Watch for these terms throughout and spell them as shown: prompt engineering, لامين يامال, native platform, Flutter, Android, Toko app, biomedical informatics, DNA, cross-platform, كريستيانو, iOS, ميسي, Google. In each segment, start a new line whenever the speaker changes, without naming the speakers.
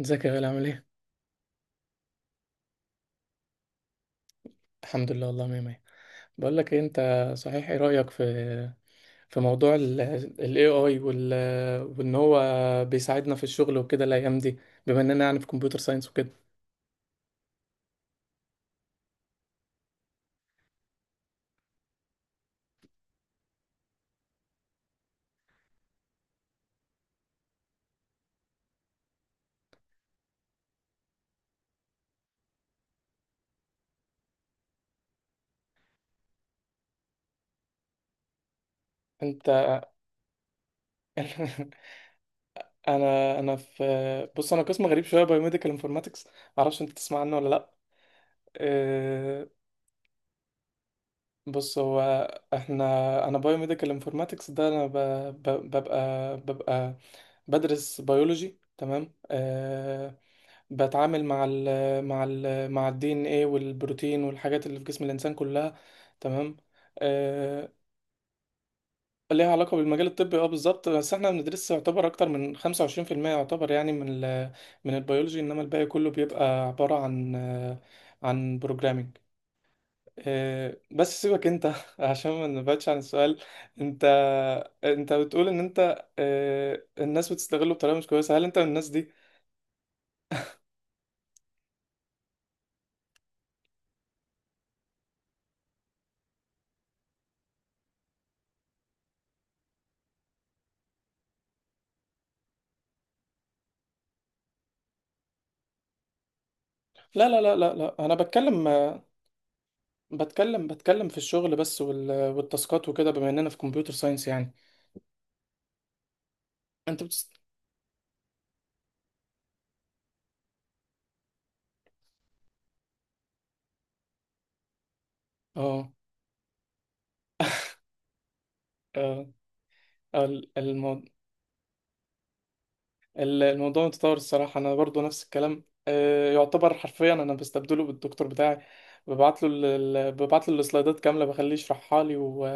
ازيك يا غالي عامل ايه؟ الحمد لله والله مية مية. بقول لك ايه انت، صحيح ايه رأيك في في موضوع ال ال AI وان هو بيساعدنا في الشغل وكده الايام دي، بما اننا يعني في كمبيوتر ساينس وكده. انت انا في، بص انا قسم غريب شوية بايوميديكال انفورماتكس، معرفش انت تسمع عنه ولا لا. إيه، بص هو احنا انا بايوميديكال انفورماتكس ده انا ببقى بدرس بيولوجي، تمام آه، بتعامل مع ال مع الدي ان ايه والبروتين والحاجات اللي في جسم الانسان كلها، تمام. آه ليها علاقه بالمجال الطبي اه بالظبط، بس احنا بندرس يعتبر اكتر من 25%، يعتبر يعني من ال من البيولوجي، انما الباقي كله بيبقى عباره عن عن بروجرامينج. آه بس سيبك انت عشان ما نبعدش عن السؤال. انت انت بتقول ان انت آه الناس بتستغله بطريقه مش كويسه، هل انت من الناس دي؟ لا لا لا لا لا، انا بتكلم بتكلم في الشغل بس، والتاسكات وكده، بما اننا في كمبيوتر ساينس يعني. انت بتست... اه آه، ال- المو... الموضوع متطور الصراحة، انا برضو نفس الكلام آه، يعتبر حرفيا انا بستبدله بالدكتور بتاعي، ببعت له السلايدات كاملة، بخليه يشرحها لي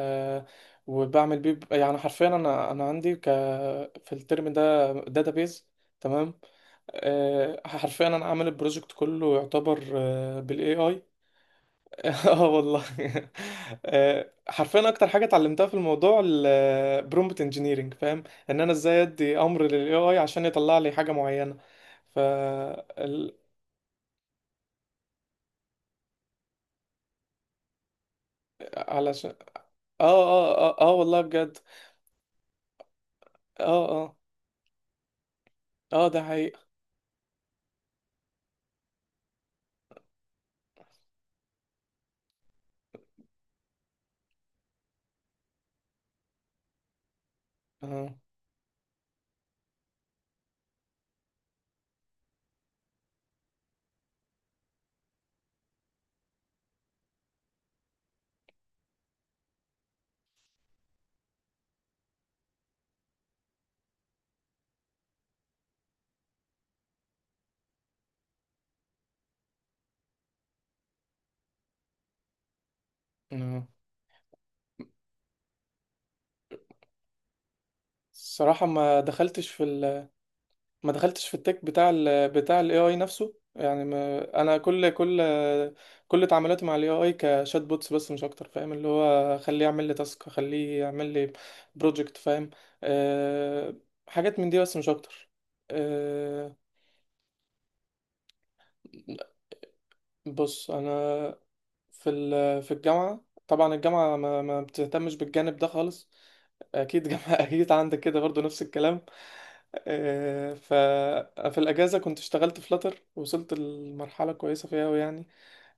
وبعمل بيه يعني حرفيا، انا عندي في الترم ده داتابيز، تمام آه، حرفيا انا عامل البروجكت كله يعتبر بالاي اي. اه والله. آه، حرفيا اكتر حاجه اتعلمتها في الموضوع البرومبت انجينيرنج، فاهم، ان انا ازاي ادي امر للاي اي عشان يطلع لي حاجه معينه. ف ال... علشان اه اه اه اه والله بجد. اه اه اه ده حقيقه. اه آه. الصراحه ما دخلتش في ال، ما دخلتش في التك بتاع ال بتاع الاي اي نفسه يعني، ما انا كل كل تعاملاتي مع الاي اي كشات بوتس بس مش اكتر، فاهم، اللي هو خليه يعمل لي تاسك، خليه يعمل لي بروجكت، فاهم أه. حاجات من دي بس مش اكتر أه. بص انا في الجامعة طبعا، الجامعة ما بتهتمش بالجانب ده خالص. أكيد جامعة أكيد عندك كده برضو نفس الكلام. آه، ففي الأجازة كنت اشتغلت في فلاتر، وصلت لمرحلة كويسة فيها أوي يعني.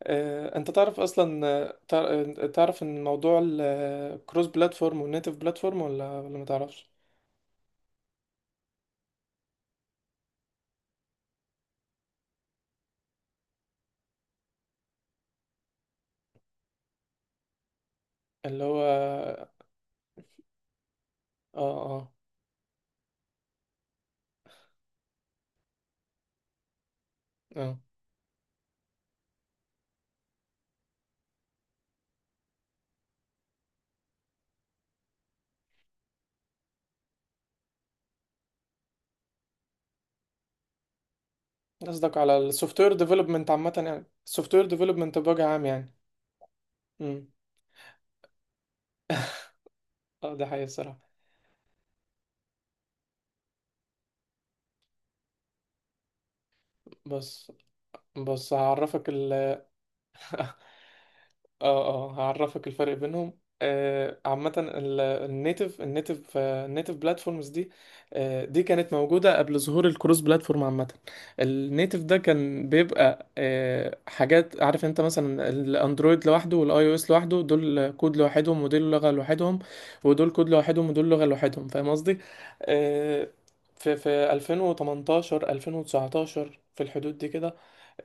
آه، أنت تعرف أصلا آه، تعرف إن موضوع الكروس بلاتفورم والنيتف بلاتفورم، ولا ما تعرفش؟ اللي هو اه. اه اه قصدك على السوفت وير ديفلوبمنت عامة، يعني السوفت وير ديفلوبمنت بوجه عام يعني. امم اه، ده حقيقي الصراحة. بس بص اه اه هعرفك الفرق بينهم آه. عامة النيتف آه، النيتف بلاتفورمز دي آه، دي كانت موجودة قبل ظهور الكروس بلاتفورم عامة. النيتف ده كان بيبقى آه حاجات، عارف انت مثلا الاندرويد لوحده والاي او اس لوحده، دول كود لوحدهم ودول لغة لوحدهم، ودول كود لوحدهم ودول لغة لوحدهم، فاهم قصدي؟ آه. في في 2018 2019 في الحدود دي كده،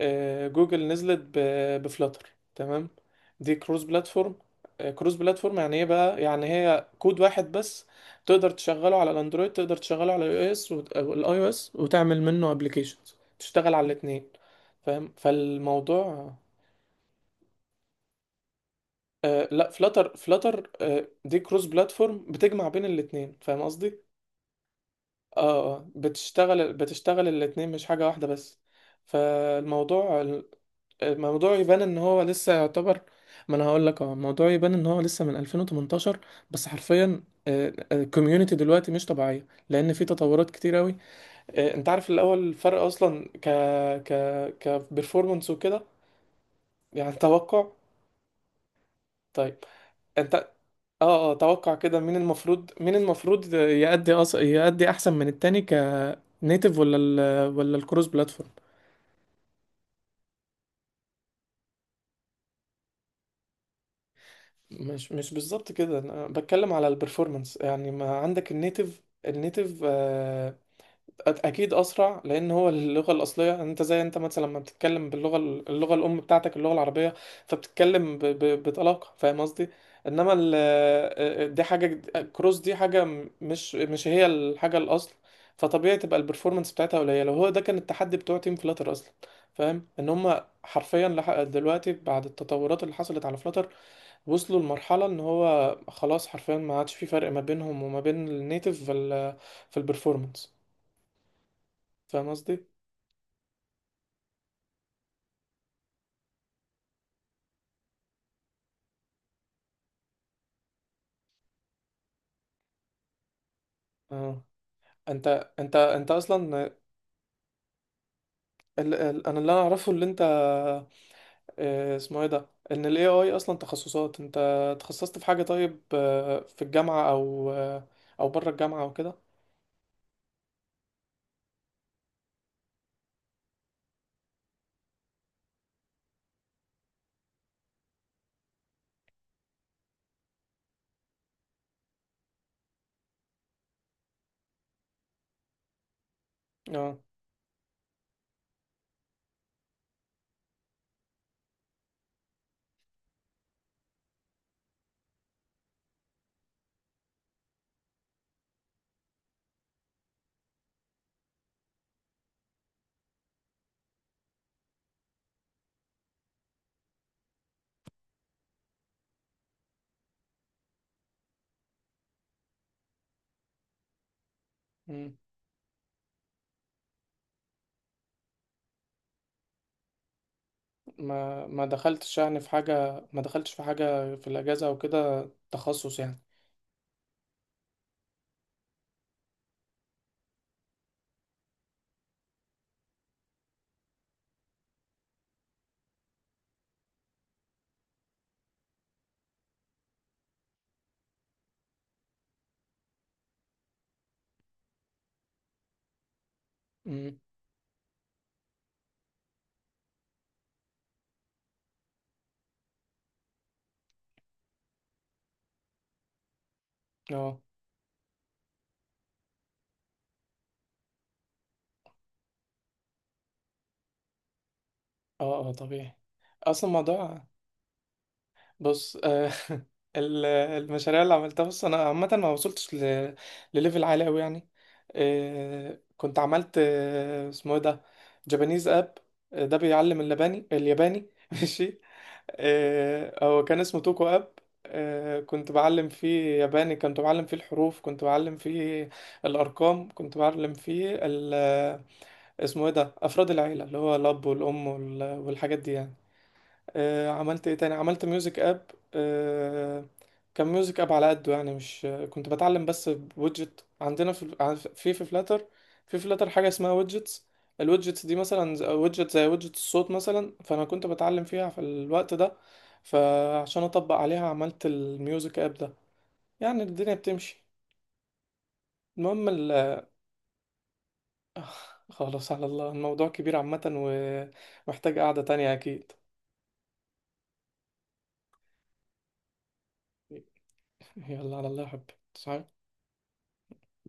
آه جوجل نزلت بفلاتر، تمام. دي كروس بلاتفورم آه، كروس بلاتفورم يعني ايه بقى، يعني هي كود واحد بس، تقدر تشغله على الاندرويد، تقدر تشغله على الاي او اس والاي او اس، وتعمل منه ابلكيشنز تشتغل على الاثنين، فاهم؟ فالموضوع آه، لا فلاتر فلاتر آه، دي كروس بلاتفورم بتجمع بين الاثنين، فاهم قصدي؟ اه آه، بتشتغل الاثنين مش حاجة واحدة بس. فالموضوع الموضوع يبان ان هو لسه يعتبر، ما انا هقول لك اه، الموضوع يبان ان هو لسه من 2018 بس، حرفيا الكوميونتي دلوقتي مش طبيعيه، لان في تطورات كتير قوي. انت عارف الاول الفرق اصلا ك ك كبرفورمانس وكده، يعني توقع. طيب انت اه اه توقع كده، مين المفروض مين المفروض يأدي يأدي احسن من التاني، كنيتف ولا الكروس بلاتفورم؟ مش بالظبط كده، انا بتكلم على البرفورمانس، يعني ما عندك النيتف آه، اكيد اسرع لان هو اللغه الاصليه، يعني انت زي انت مثلا لما بتتكلم اللغه الام بتاعتك، اللغه العربيه، فبتتكلم بطلاقه، فاهم قصدي؟ انما دي حاجه كروس، دي حاجه مش هي الحاجه الاصل. فطبيعي تبقى البرفورمانس بتاعتها قليله، هو ده كان التحدي بتوع تيم فلاتر اصلا، فاهم ان هم حرفيا لحق دلوقتي بعد التطورات اللي حصلت على فلاتر، وصلوا لمرحلة ان هو خلاص حرفيا ما عادش في فرق ما بينهم وما بين النيتف في ال في البرفورمانس، فاهم قصدي؟ اه. انت انت اصلا ال ال انا اللي انا اعرفه اللي انت آه، اسمه ايه ده، ان الاي اي اصلا تخصصات، انت تخصصت في حاجة، طيب آه، في الجامعة او آه، او بره الجامعة او كده؟ اه مم. ما دخلتش يعني في حاجة، ما دخلتش في حاجة في الاجازة او كده، تخصص يعني؟ مم. اه اه اه طبيعي. اصلا الموضوع بص آه، المشاريع اللي عملتها، بص انا عامه ما وصلتش لليفل عالي قوي يعني، آه، كنت عملت آه، اسمه ايه ده، جابانيز اب، ده بيعلم اللباني الياباني ماشي. آه، هو كان اسمه توكو اب، آه، كنت بعلم فيه ياباني، كنت بعلم فيه الحروف، كنت بعلم فيه الارقام، كنت بعلم فيه اسمه ايه ده افراد العيله، اللي هو الاب والام والحاجات دي يعني. آه، عملت ايه تاني، عملت ميوزك اب آه، كان ميوزك اب على قده يعني، مش كنت بتعلم، بس بويدجت عندنا في في فلاتر. في فلاتر حاجه اسمها ويدجتس، الويدجتس دي مثلا ويدجت زي ويدجت الصوت مثلا، فانا كنت بتعلم فيها في الوقت ده، فعشان اطبق عليها عملت الميوزك اب ده، يعني الدنيا بتمشي. المهم ال... خلاص على الله، الموضوع كبير عامه ومحتاج قعده تانية اكيد. يلا على الله يا حبيبي تصحى.